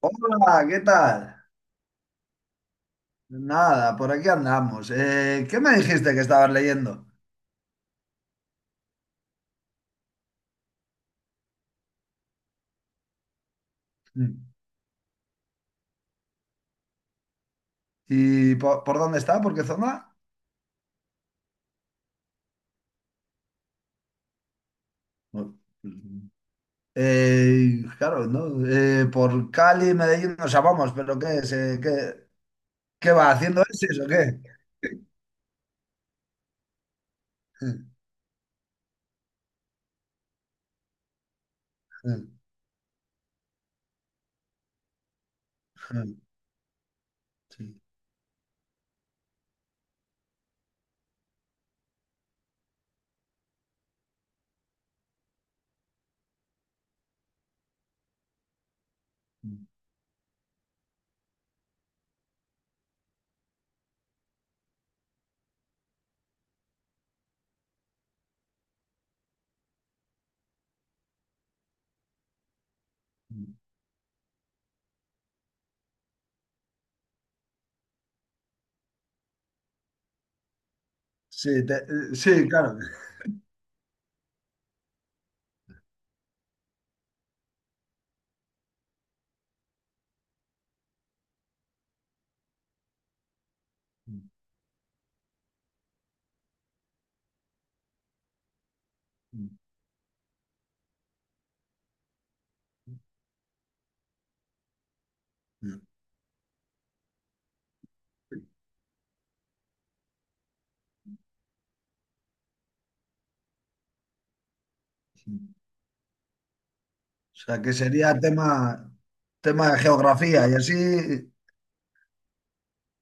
Hola, ¿qué tal? Nada, por aquí andamos. ¿Qué me dijiste que estabas leyendo? Mm. ¿Y por dónde está? ¿Por qué zona? No. Claro, ¿no? Por Cali, Medellín, no sabemos, pero ¿qué es? ¿Qué qué va haciendo ese o qué? Mm, mm, mm, sí, mm, mm. Sí, sí, claro. Mm, mm, mm, mm. O sea, que sería tema de geografía y así,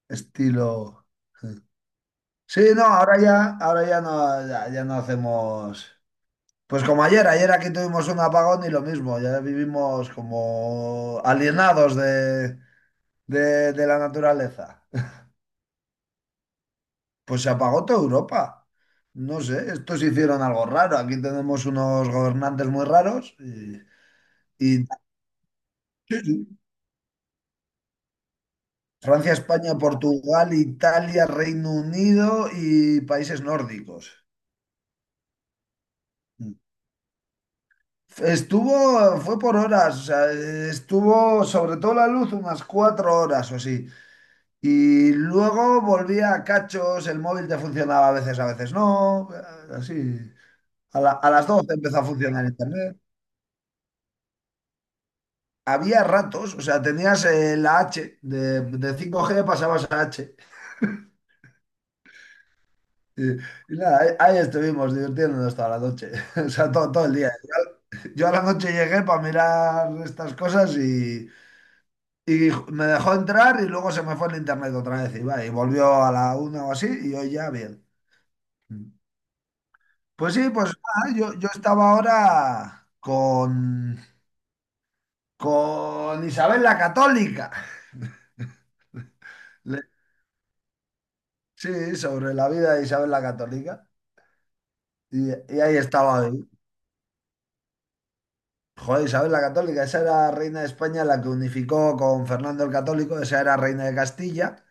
estilo. Mm, sí, no, ahora ya no, ya no hacemos. Pues como ayer aquí tuvimos un apagón y lo mismo, ya vivimos como alienados de la naturaleza. Pues se apagó toda Europa. No sé, estos hicieron algo raro. Aquí tenemos unos gobernantes muy raros. Y Francia, España, Portugal, Italia, Reino Unido y países nórdicos. Estuvo, fue por horas, o sea, estuvo sobre todo la luz unas cuatro horas o así. Y luego volvía a cachos, el móvil te funcionaba a veces no, así. A las 12 empezó a funcionar internet. Había ratos, o sea, tenías la H, de cinco g pasabas a H. Y nada, ahí estuvimos divirtiéndonos toda la noche, o sea, todo el día. Yo a la noche llegué para mirar estas cosas y Y me dejó entrar y luego se me fue el internet otra vez. Y volvió a la una o así y hoy ya bien. Pues sí, pues nada, yo estaba ahora con Isabel la Católica. Le- sí, sobre la vida de Isabel la Católica. Y ahí estaba hoy. Joder, Isabel la Católica, esa era reina de España, la que unificó con Fernando el Católico. Esa era reina de Castilla.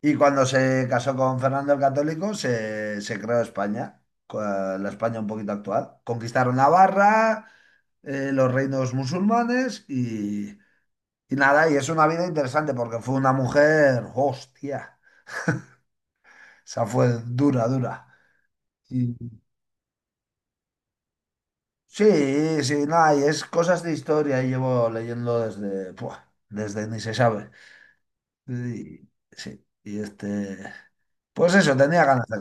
Y cuando se casó con Fernando el Católico, se creó España, la España un poquito actual. Conquistaron Navarra, los reinos musulmanes y nada, y es una vida interesante porque fue una mujer, hostia, esa fue dura, dura. Y- sí, sí, nada, y es cosas de historia y llevo leyendo desde, puah, desde ni se sabe. Y sí, y este, pues eso, tenía ganas de...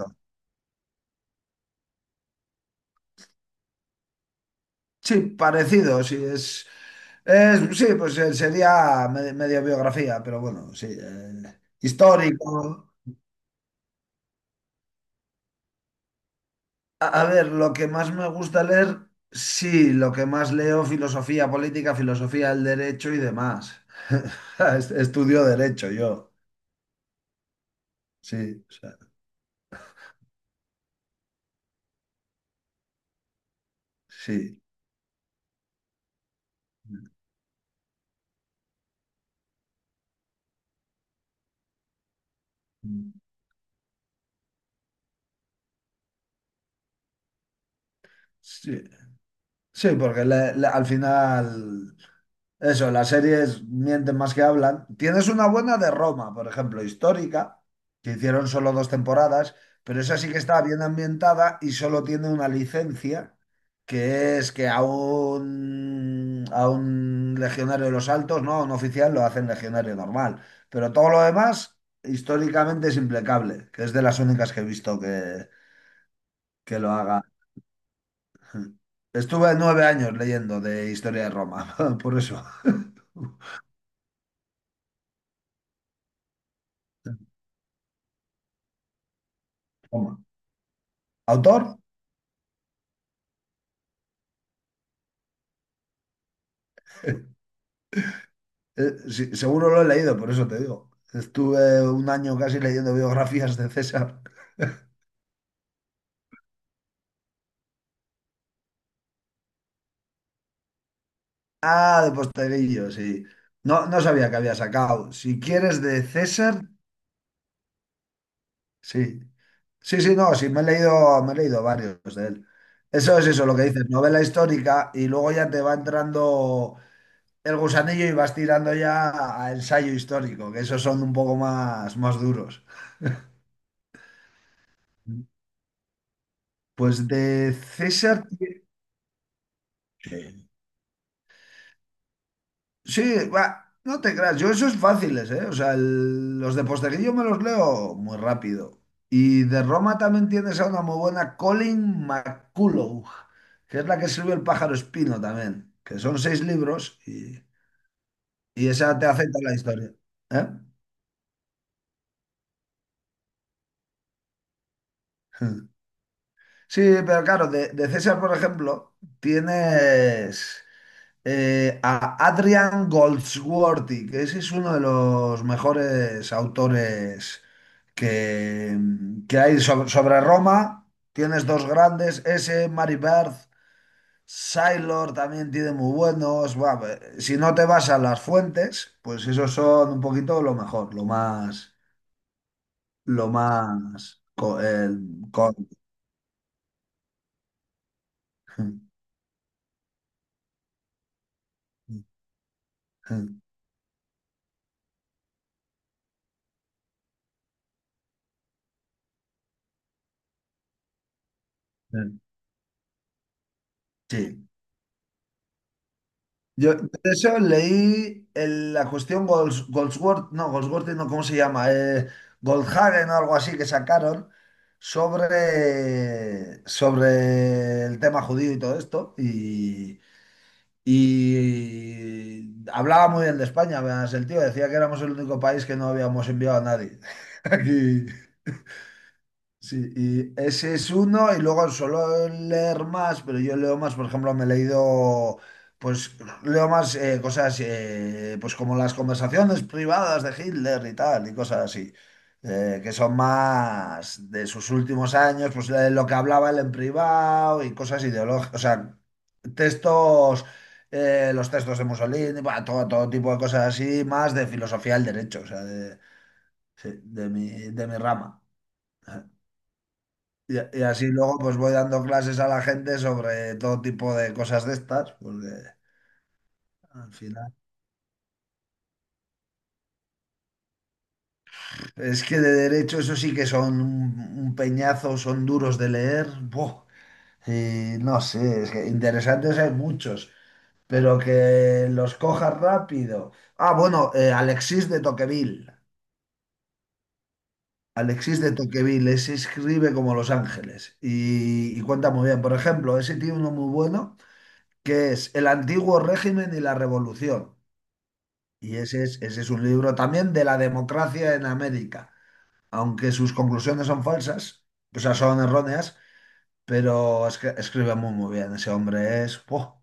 Sí, parecido, sí, sí, pues sería medio biografía, pero bueno, sí, histórico. A a ver, lo que más me gusta leer, sí, lo que más leo, filosofía política, filosofía del derecho y demás. Estudio derecho yo, sí, o sea, sí. Mm, sí, sí, porque al final. Eso, las series mienten más que hablan. Tienes una buena de Roma, por ejemplo, histórica, que hicieron solo dos temporadas, pero esa sí que está bien ambientada y solo tiene una licencia, que es que a un legionario de los altos, no, un oficial, lo hacen legionario normal. Pero todo lo demás, históricamente es implacable, que es de las únicas que he visto que lo haga. Estuve nueve años leyendo de historia de Roma, por eso. Roma. ¿Autor? Sí, seguro lo he leído, por eso te digo. Estuve un año casi leyendo biografías de César. Ah, de Posteguillo, sí. No, no sabía que había sacado. Si quieres de César, sí. Sí, sí, no, sí, me he leído varios de él. Eso es eso, lo que dices, novela histórica y luego ya te va entrando el gusanillo y vas tirando ya a ensayo histórico, que esos son un poco más, más duros. Pues de César. Sí. Sí, va, no te creas, yo esos fáciles, ¿eh? O sea, los de Posteguillo me los leo muy rápido. Y de Roma también tienes a una muy buena, Colin McCullough, que es la que escribió El pájaro espino también, que son seis libros, y esa te hace toda la historia, ¿eh? Sí, pero claro, de César, por ejemplo, tienes, a Adrian Goldsworthy, que ese es uno de los mejores autores que, que hay sobre, sobre Roma. Tienes dos grandes, ese, Mary Berth, Sailor también tiene muy buenos. Buah, si no te vas a las fuentes, pues esos son un poquito lo mejor, lo más, con- Sí. Yo de eso leí la cuestión Goldsworth no, ¿cómo se llama? Goldhagen o algo así, que sacaron sobre, sobre el tema judío y todo esto. Y hablaba muy bien de España, además el tío decía que éramos el único país que no habíamos enviado a nadie. Aquí. Sí, y ese es uno, y luego suelo leer más, pero yo leo más, por ejemplo, me he leído, pues leo más cosas, pues como las conversaciones privadas de Hitler y tal, y cosas así, que son más de sus últimos años, pues de lo que hablaba él en privado y cosas ideológicas, o sea, textos, los textos de Mussolini, bah, todo, todo tipo de cosas así, más de filosofía del derecho, o sea, de, sí, de mi rama. Y así luego pues voy dando clases a la gente sobre todo tipo de cosas de estas, porque al final... Es que de derecho eso sí que son un peñazo, son duros de leer. Buah. Y no sé, es que interesantes hay muchos, pero que los cojas rápido. Ah, bueno, Alexis de Tocqueville. Alexis de Tocqueville, ese escribe como Los Ángeles y cuenta muy bien. Por ejemplo, ese tiene uno muy bueno, que es El antiguo régimen y la revolución. Y ese es un libro también, de la democracia en América, aunque sus conclusiones son falsas, o sea, son erróneas, pero es que escribe muy, muy bien. Ese hombre es... ¡buah!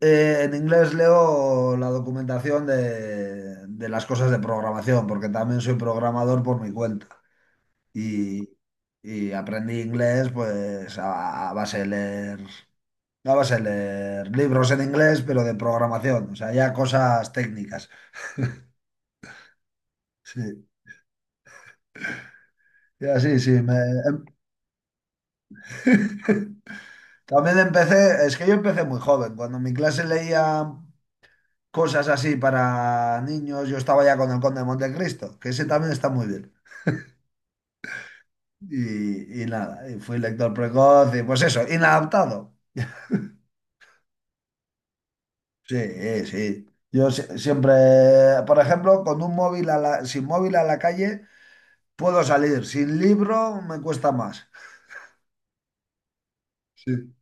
En inglés leo la documentación de las cosas de programación, porque también soy programador por mi cuenta. Y, y aprendí inglés pues a base de leer, a base de leer libros en inglés, pero de programación, o sea, ya cosas técnicas. Sí. Ya sí, sí. Em- También empecé, es que yo empecé muy joven. Cuando en mi clase leía cosas así para niños, yo estaba ya con el Conde de Montecristo, que ese también está muy bien. Y nada, y fui lector precoz y pues eso, inadaptado. Sí, sí. Yo siempre, por ejemplo, con un móvil a la, sin móvil a la calle puedo salir, sin libro me cuesta más. Sí.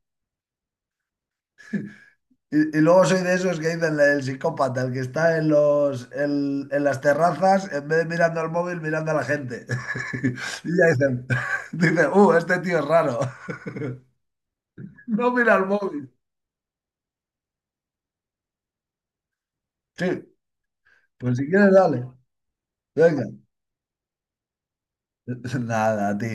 Y luego soy de esos que dicen el psicópata, el que está en en las terrazas, en vez de mirando al móvil, mirando a la gente. Y ya dicen, dicen, este tío es raro. No mira al móvil. Sí, pues si quieres, dale. Venga. Nada, tío.